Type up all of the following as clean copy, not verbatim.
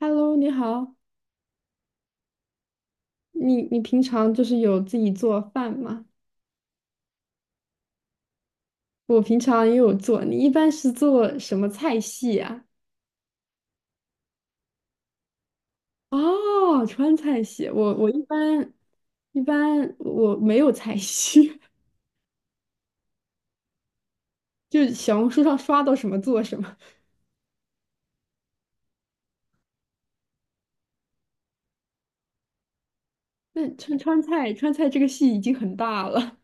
Hello，你好，你平常就是有自己做饭吗？我平常也有做，你一般是做什么菜系啊？哦，川菜系，我一般我没有菜系，就是小红书上刷到什么做什么。那川菜这个系已经很大了，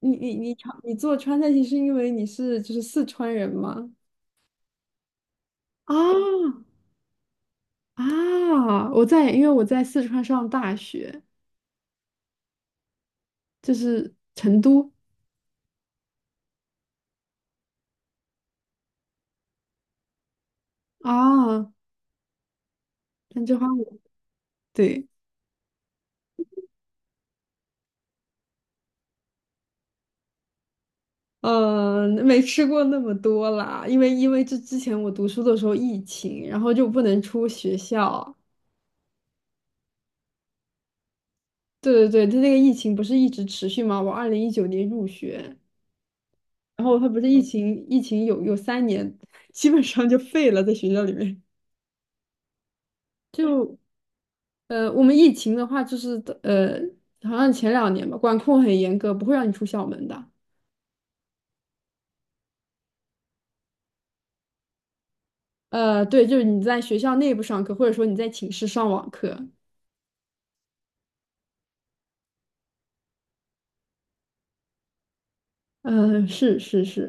你做川菜系是因为你是就是四川人吗？啊啊！我在，因为我在四川上大学，就是成都啊。哦山之花舞，对，没吃过那么多啦，因为这之前我读书的时候疫情，然后就不能出学校。对对对，它那个疫情不是一直持续吗？我2019年入学，然后它不是疫情，疫情有3年，基本上就废了，在学校里面。就我们疫情的话，就是好像前2年吧，管控很严格，不会让你出校门的。对，就是你在学校内部上课，或者说你在寝室上网课。嗯，是是是，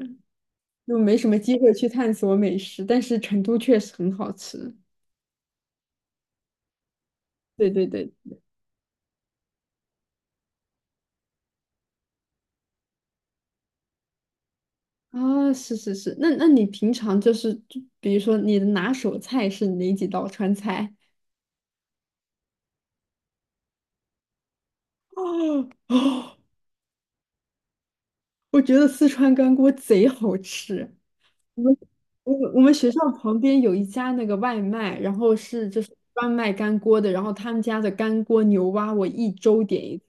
就没什么机会去探索美食，但是成都确实很好吃。对对对，啊，是是是，那你平常就是，就比如说你的拿手菜是哪几道川菜？哦哦，我觉得四川干锅贼好吃。我们我们学校旁边有一家那个外卖，然后是就是专卖干锅的，然后他们家的干锅牛蛙，我1周点一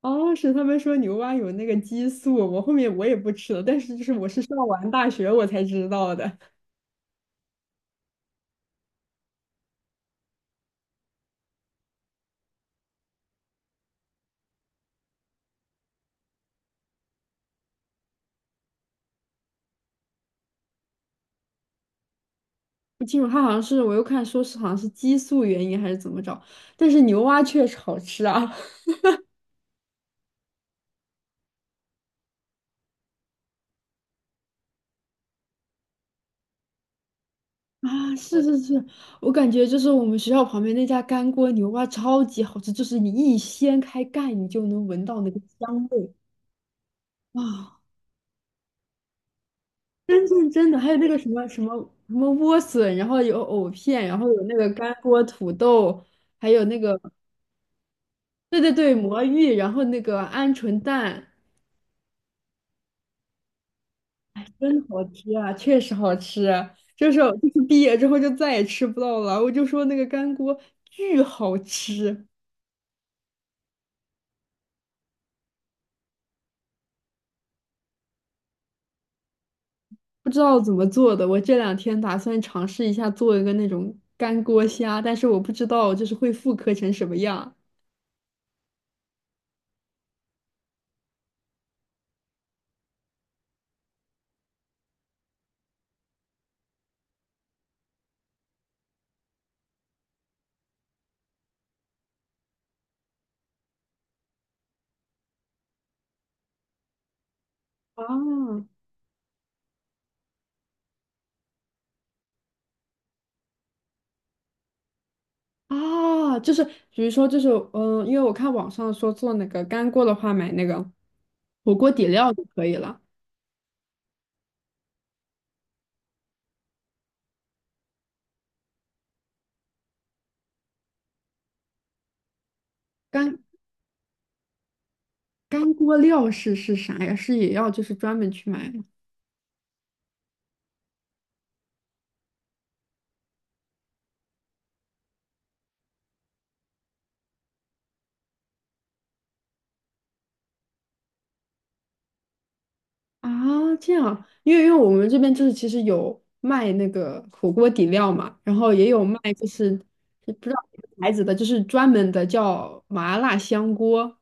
哦，是他们说牛蛙有那个激素，我后面我也不吃了，但是就是我是上完大学我才知道的，不清楚，他好像是我又看说是好像是激素原因还是怎么着，但是牛蛙确实好吃啊 啊，是是是，我感觉就是我们学校旁边那家干锅牛蛙超级好吃，就是你一掀开盖你就能闻到那个香味啊，真的，还有那个什么莴笋，然后有藕片，然后有那个干锅土豆。还有那个对对对，魔芋，然后那个鹌鹑蛋，真好吃啊，确实好吃。就是毕业之后就再也吃不到了。我就说那个干锅巨好吃，不知道怎么做的。我这2天打算尝试一下做一个那种干锅虾，但是我不知道就是会复刻成什么样。啊啊，就是比如说就是因为我看网上说做那个干锅的话，买那个火锅底料就可以了。干。干锅料是啥呀？是也要就是专门去买吗？啊，这样啊，因为我们这边就是其实有卖那个火锅底料嘛，然后也有卖就是不知道哪个牌子的，就是专门的叫麻辣香锅，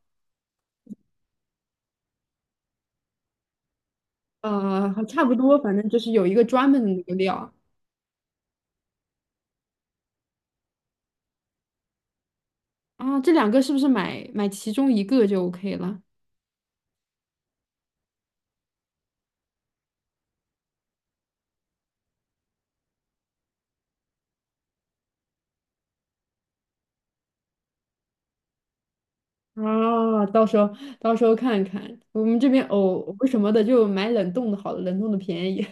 差不多，反正就是有一个专门的那个料啊。这两个是不是买其中一个就 OK 了？啊，到时候看看，我们这边藕什么的就买冷冻的好了，冷冻的便宜。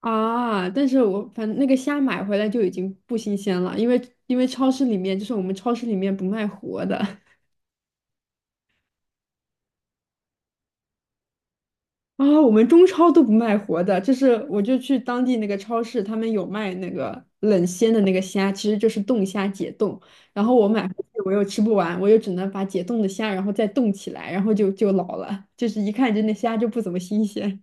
啊，但是我反正那个虾买回来就已经不新鲜了，因为超市里面就是我们超市里面不卖活的 啊，我们中超都不卖活的，就是我就去当地那个超市，他们有卖那个冷鲜的那个虾，其实就是冻虾解冻，然后我买回去我又吃不完，我又只能把解冻的虾然后再冻起来，然后就老了，就是一看就那虾就不怎么新鲜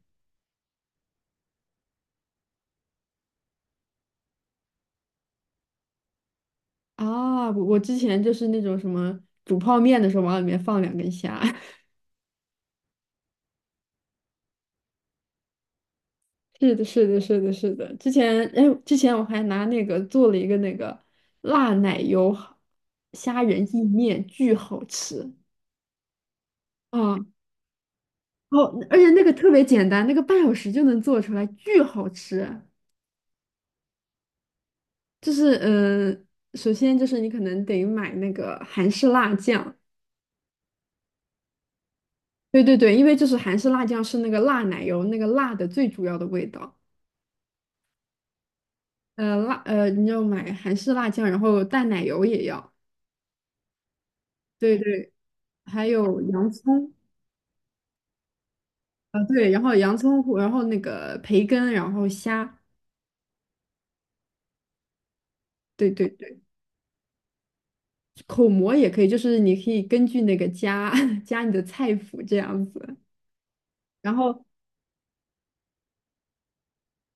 啊，我之前就是那种什么煮泡面的时候往里面放2根虾。是的，是的，是的，是的。之前，哎，之前我还拿那个做了一个那个辣奶油虾仁意面，巨好吃啊！哦，而且那个特别简单，那个半小时就能做出来，巨好吃。就是，首先就是你可能得买那个韩式辣酱，对对对，因为就是韩式辣酱是那个辣奶油那个辣的最主要的味道。你要买韩式辣酱，然后淡奶油也要，对对，还有洋葱。啊，对，然后洋葱糊然后那个培根，然后虾，对对对，口蘑也可以，就是你可以根据那个加 加你的菜谱这样子，然后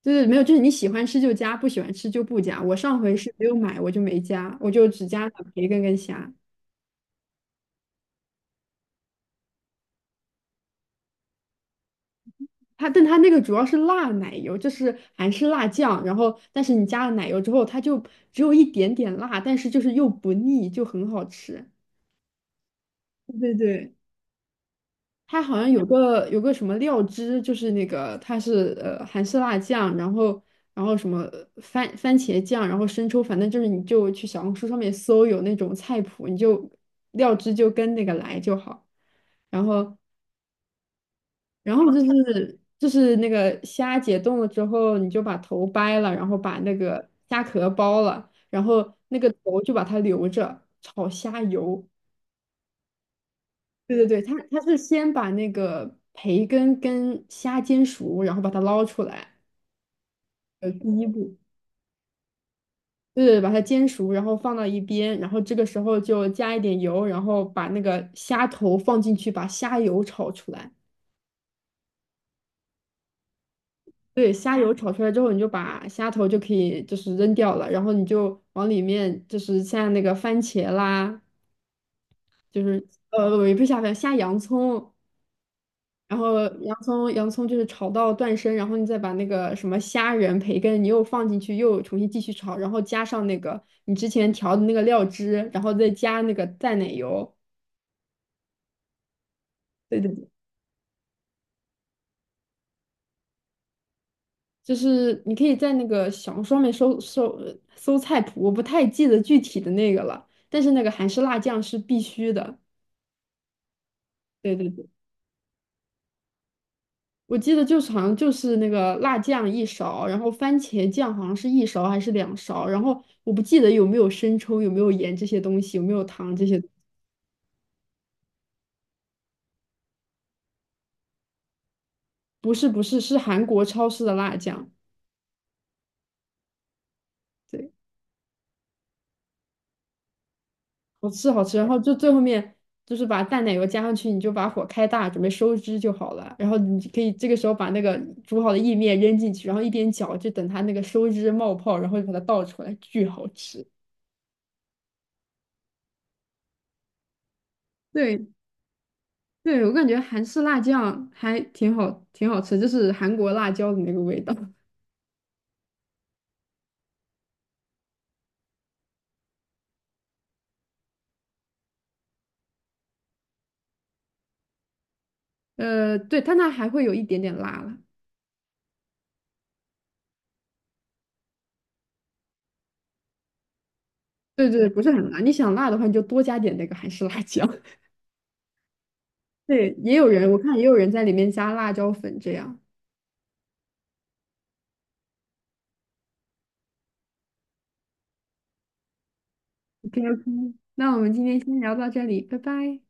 就是没有，就是你喜欢吃就加，不喜欢吃就不加。我上回是没有买，我就没加，我就只加了培根跟虾。它，但它那个主要是辣奶油，就是韩式辣酱，然后但是你加了奶油之后，它就只有一点点辣，但是就是又不腻，就很好吃。对对对。它好像有个什么料汁，就是那个它是韩式辣酱，然后然后什么番茄酱，然后生抽，反正就是你就去小红书上面搜有那种菜谱，你就料汁就跟那个来就好。然后然后就是那个虾解冻了之后，你就把头掰了，然后把那个虾壳剥了，然后那个头就把它留着炒虾油。对对对，他是先把那个培根跟虾煎熟，然后把它捞出来，第一步，对对，把它煎熟，然后放到一边，然后这个时候就加一点油，然后把那个虾头放进去，把虾油炒出来。对，虾油炒出来之后，你就把虾头就可以就是扔掉了，然后你就往里面就是像那个番茄啦，就是也不是虾番，虾洋葱，然后洋葱就是炒到断生，然后你再把那个什么虾仁、培根，你又放进去，又重新继续炒，然后加上那个你之前调的那个料汁，然后再加那个淡奶油。对对对，就是你可以在那个小红书上面搜菜谱，我不太记得具体的那个了，但是那个韩式辣酱是必须的。对对对。我记得就是好像就是那个辣酱一勺，然后番茄酱好像是一勺还是2勺，然后我不记得有没有生抽，有没有盐这些东西，有没有糖这些，不是不是是韩国超市的辣酱，对，好吃好吃。然后就最后面就是把淡奶油加上去，你就把火开大，准备收汁就好了。然后你可以这个时候把那个煮好的意面扔进去，然后一边搅，就等它那个收汁冒泡，然后就把它倒出来，巨好吃。对。对，我感觉韩式辣酱还挺好，挺好吃，就是韩国辣椒的那个味道。对，但它那还会有一点点辣了。对对，不是很辣。你想辣的话，你就多加点那个韩式辣椒。对，也有人，我看也有人在里面加辣椒粉这样。OK OK，那我们今天先聊到这里，拜拜。